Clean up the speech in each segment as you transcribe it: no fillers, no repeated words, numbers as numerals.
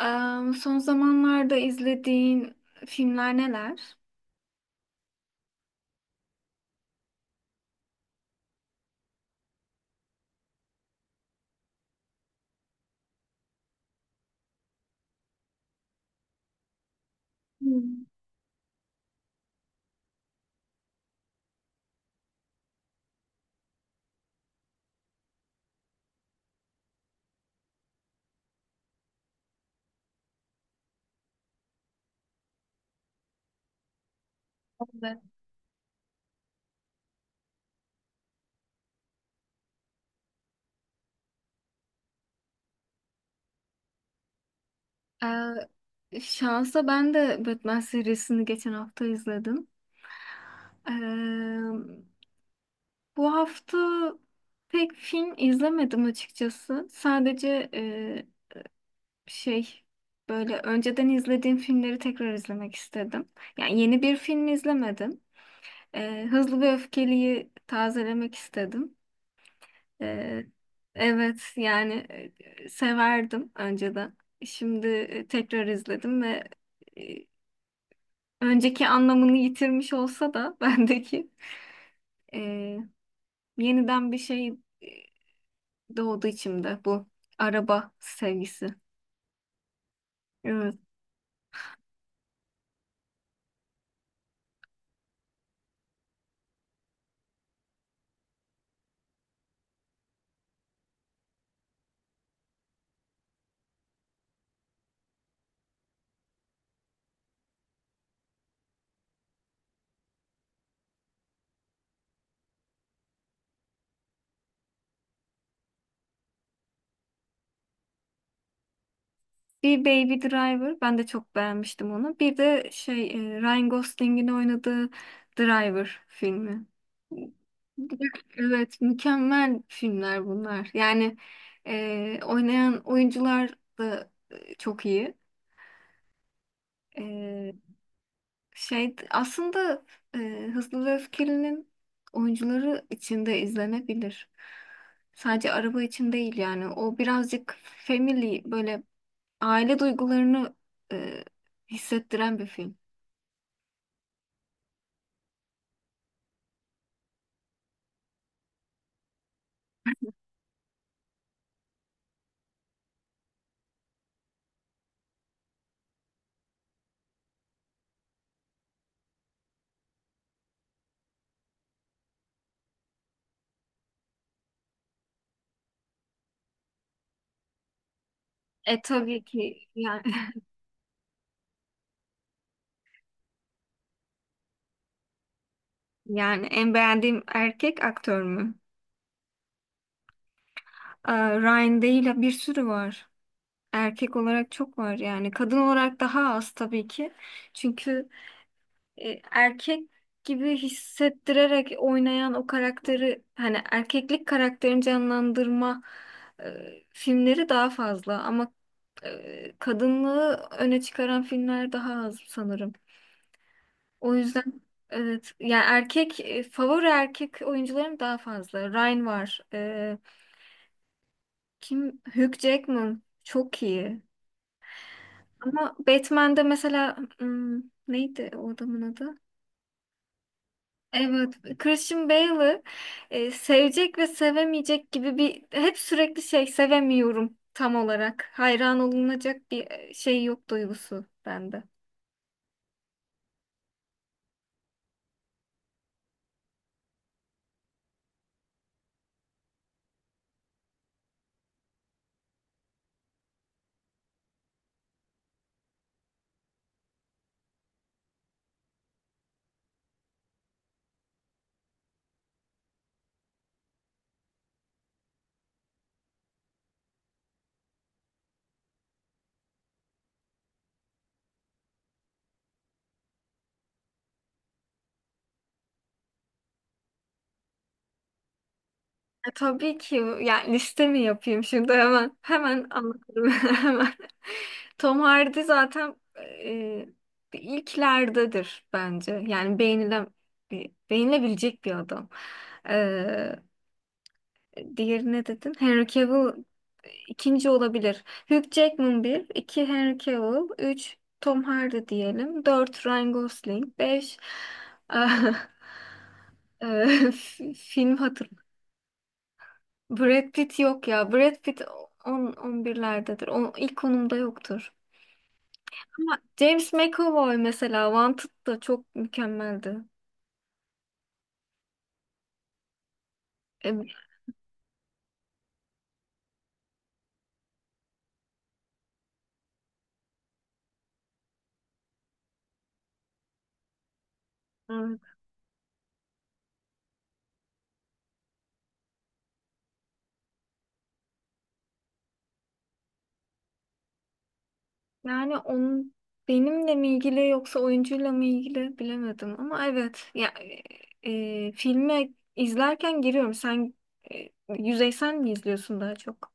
Son zamanlarda izlediğin filmler neler? Hmm, evet. Şansa ben de Batman serisini geçen hafta izledim. Eee, Bu hafta pek film izlemedim açıkçası. Sadece şey, böyle önceden izlediğim filmleri tekrar izlemek istedim. Yani yeni bir film izlemedim. Hızlı ve Öfkeli'yi tazelemek istedim. Ee, evet yani, severdim önceden. Şimdi tekrar izledim ve e, önceki anlamını yitirmiş olsa da bendeki, e, yeniden bir şey, e, doğdu içimde bu araba sevgisi. Evet. Bir Baby Driver, ben de çok beğenmiştim onu. Bir de şey, Ryan Gosling'in oynadığı Driver filmi. Evet, mükemmel filmler bunlar. Yani oynayan oyuncular da çok iyi. E, Şey aslında, Hızlı ve Öfkeli'nin oyuncuları için de izlenebilir. Sadece araba için değil yani. O birazcık family, böyle aile duygularını e, hissettiren bir film. E tabii ki yani. Yani en beğendiğim erkek aktör mü? Aa, Ryan değil, bir sürü var. Erkek olarak çok var yani. Kadın olarak daha az tabii ki. Çünkü erkek gibi hissettirerek oynayan o karakteri, hani erkeklik karakterini canlandırma filmleri daha fazla ama kadınlığı öne çıkaran filmler daha az sanırım. O yüzden evet yani, erkek favori erkek oyuncularım daha fazla. Ryan var. Kim? Hugh Jackman çok iyi. Ama Batman'de mesela, hmm, neydi o adamın adı? Evet, Christian Bale'ı sevecek ve sevemeyecek gibi bir hep sürekli şey, sevemiyorum tam olarak. Hayran olunacak bir şey yok duygusu bende. Tabii ki yani, liste mi yapayım şimdi? Hemen hemen anlatırım hemen. Tom Hardy zaten e, ilklerdedir bence. Yani beğenilen, beğenilebilecek bir adam. Diğeri ne dedin? Henry Cavill ikinci olabilir. Hugh Jackman bir, iki Henry Cavill, üç Tom Hardy diyelim, dört Ryan Gosling, beş ah, eh, film hatır. Brad Pitt yok ya. Brad Pitt on on birlerdedir, o ilk konumda yoktur. Ama James McAvoy mesela, Wanted da çok mükemmeldi. E, Evet. Yani onun benimle mi ilgili yoksa oyuncuyla mı ilgili bilemedim ama evet ya, e, filme izlerken giriyorum. Sen e, yüzeysel mi izliyorsun daha çok?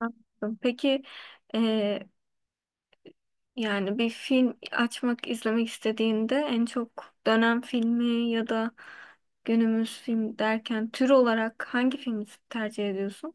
Anladım. Peki, e, yani bir film açmak, izlemek istediğinde en çok dönem filmi ya da günümüz film derken tür olarak hangi filmi tercih ediyorsun?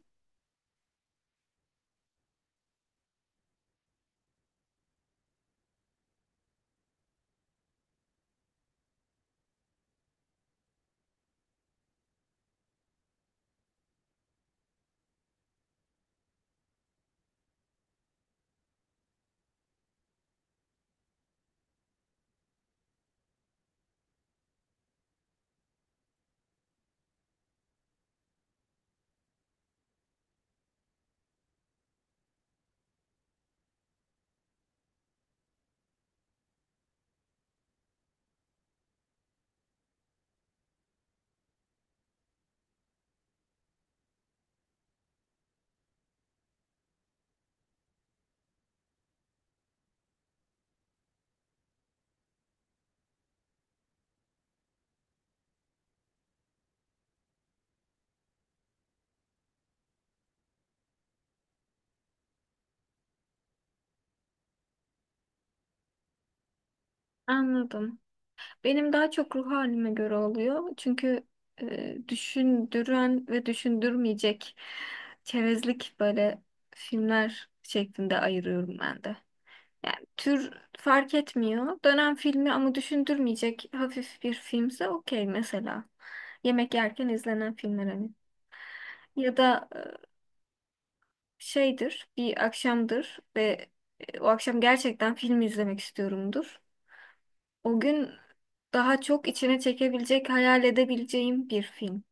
Anladım. Benim daha çok ruh halime göre oluyor. Çünkü düşündüren ve düşündürmeyecek, çerezlik böyle filmler şeklinde ayırıyorum ben de. Yani tür fark etmiyor. Dönem filmi ama düşündürmeyecek hafif bir filmse okey mesela. Yemek yerken izlenen filmler hani. Ya da şeydir, bir akşamdır ve o akşam gerçekten film izlemek istiyorumdur. O gün daha çok içine çekebilecek, hayal edebileceğim bir film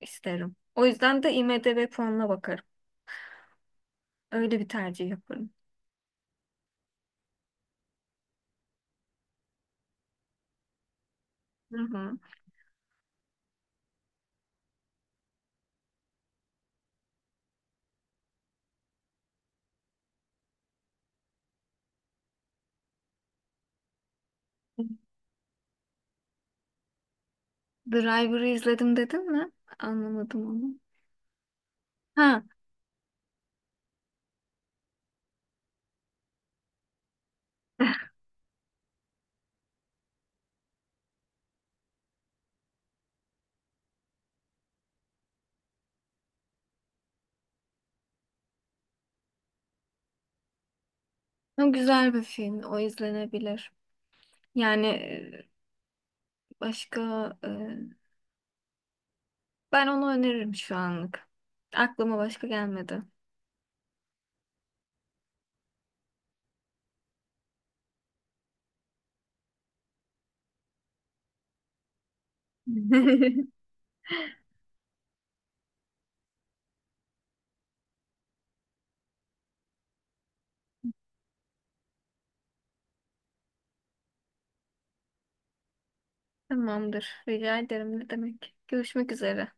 isterim. O yüzden de IMDb puanına bakarım. Öyle bir tercih yaparım. Hı hı. Driver'ı izledim dedin mi? Anlamadım onu. Ha, o güzel bir film. O izlenebilir. Yani başka... e, Ben onu öneririm şu anlık. Aklıma başka gelmedi. Tamamdır. Rica ederim. Ne demek? Görüşmek üzere.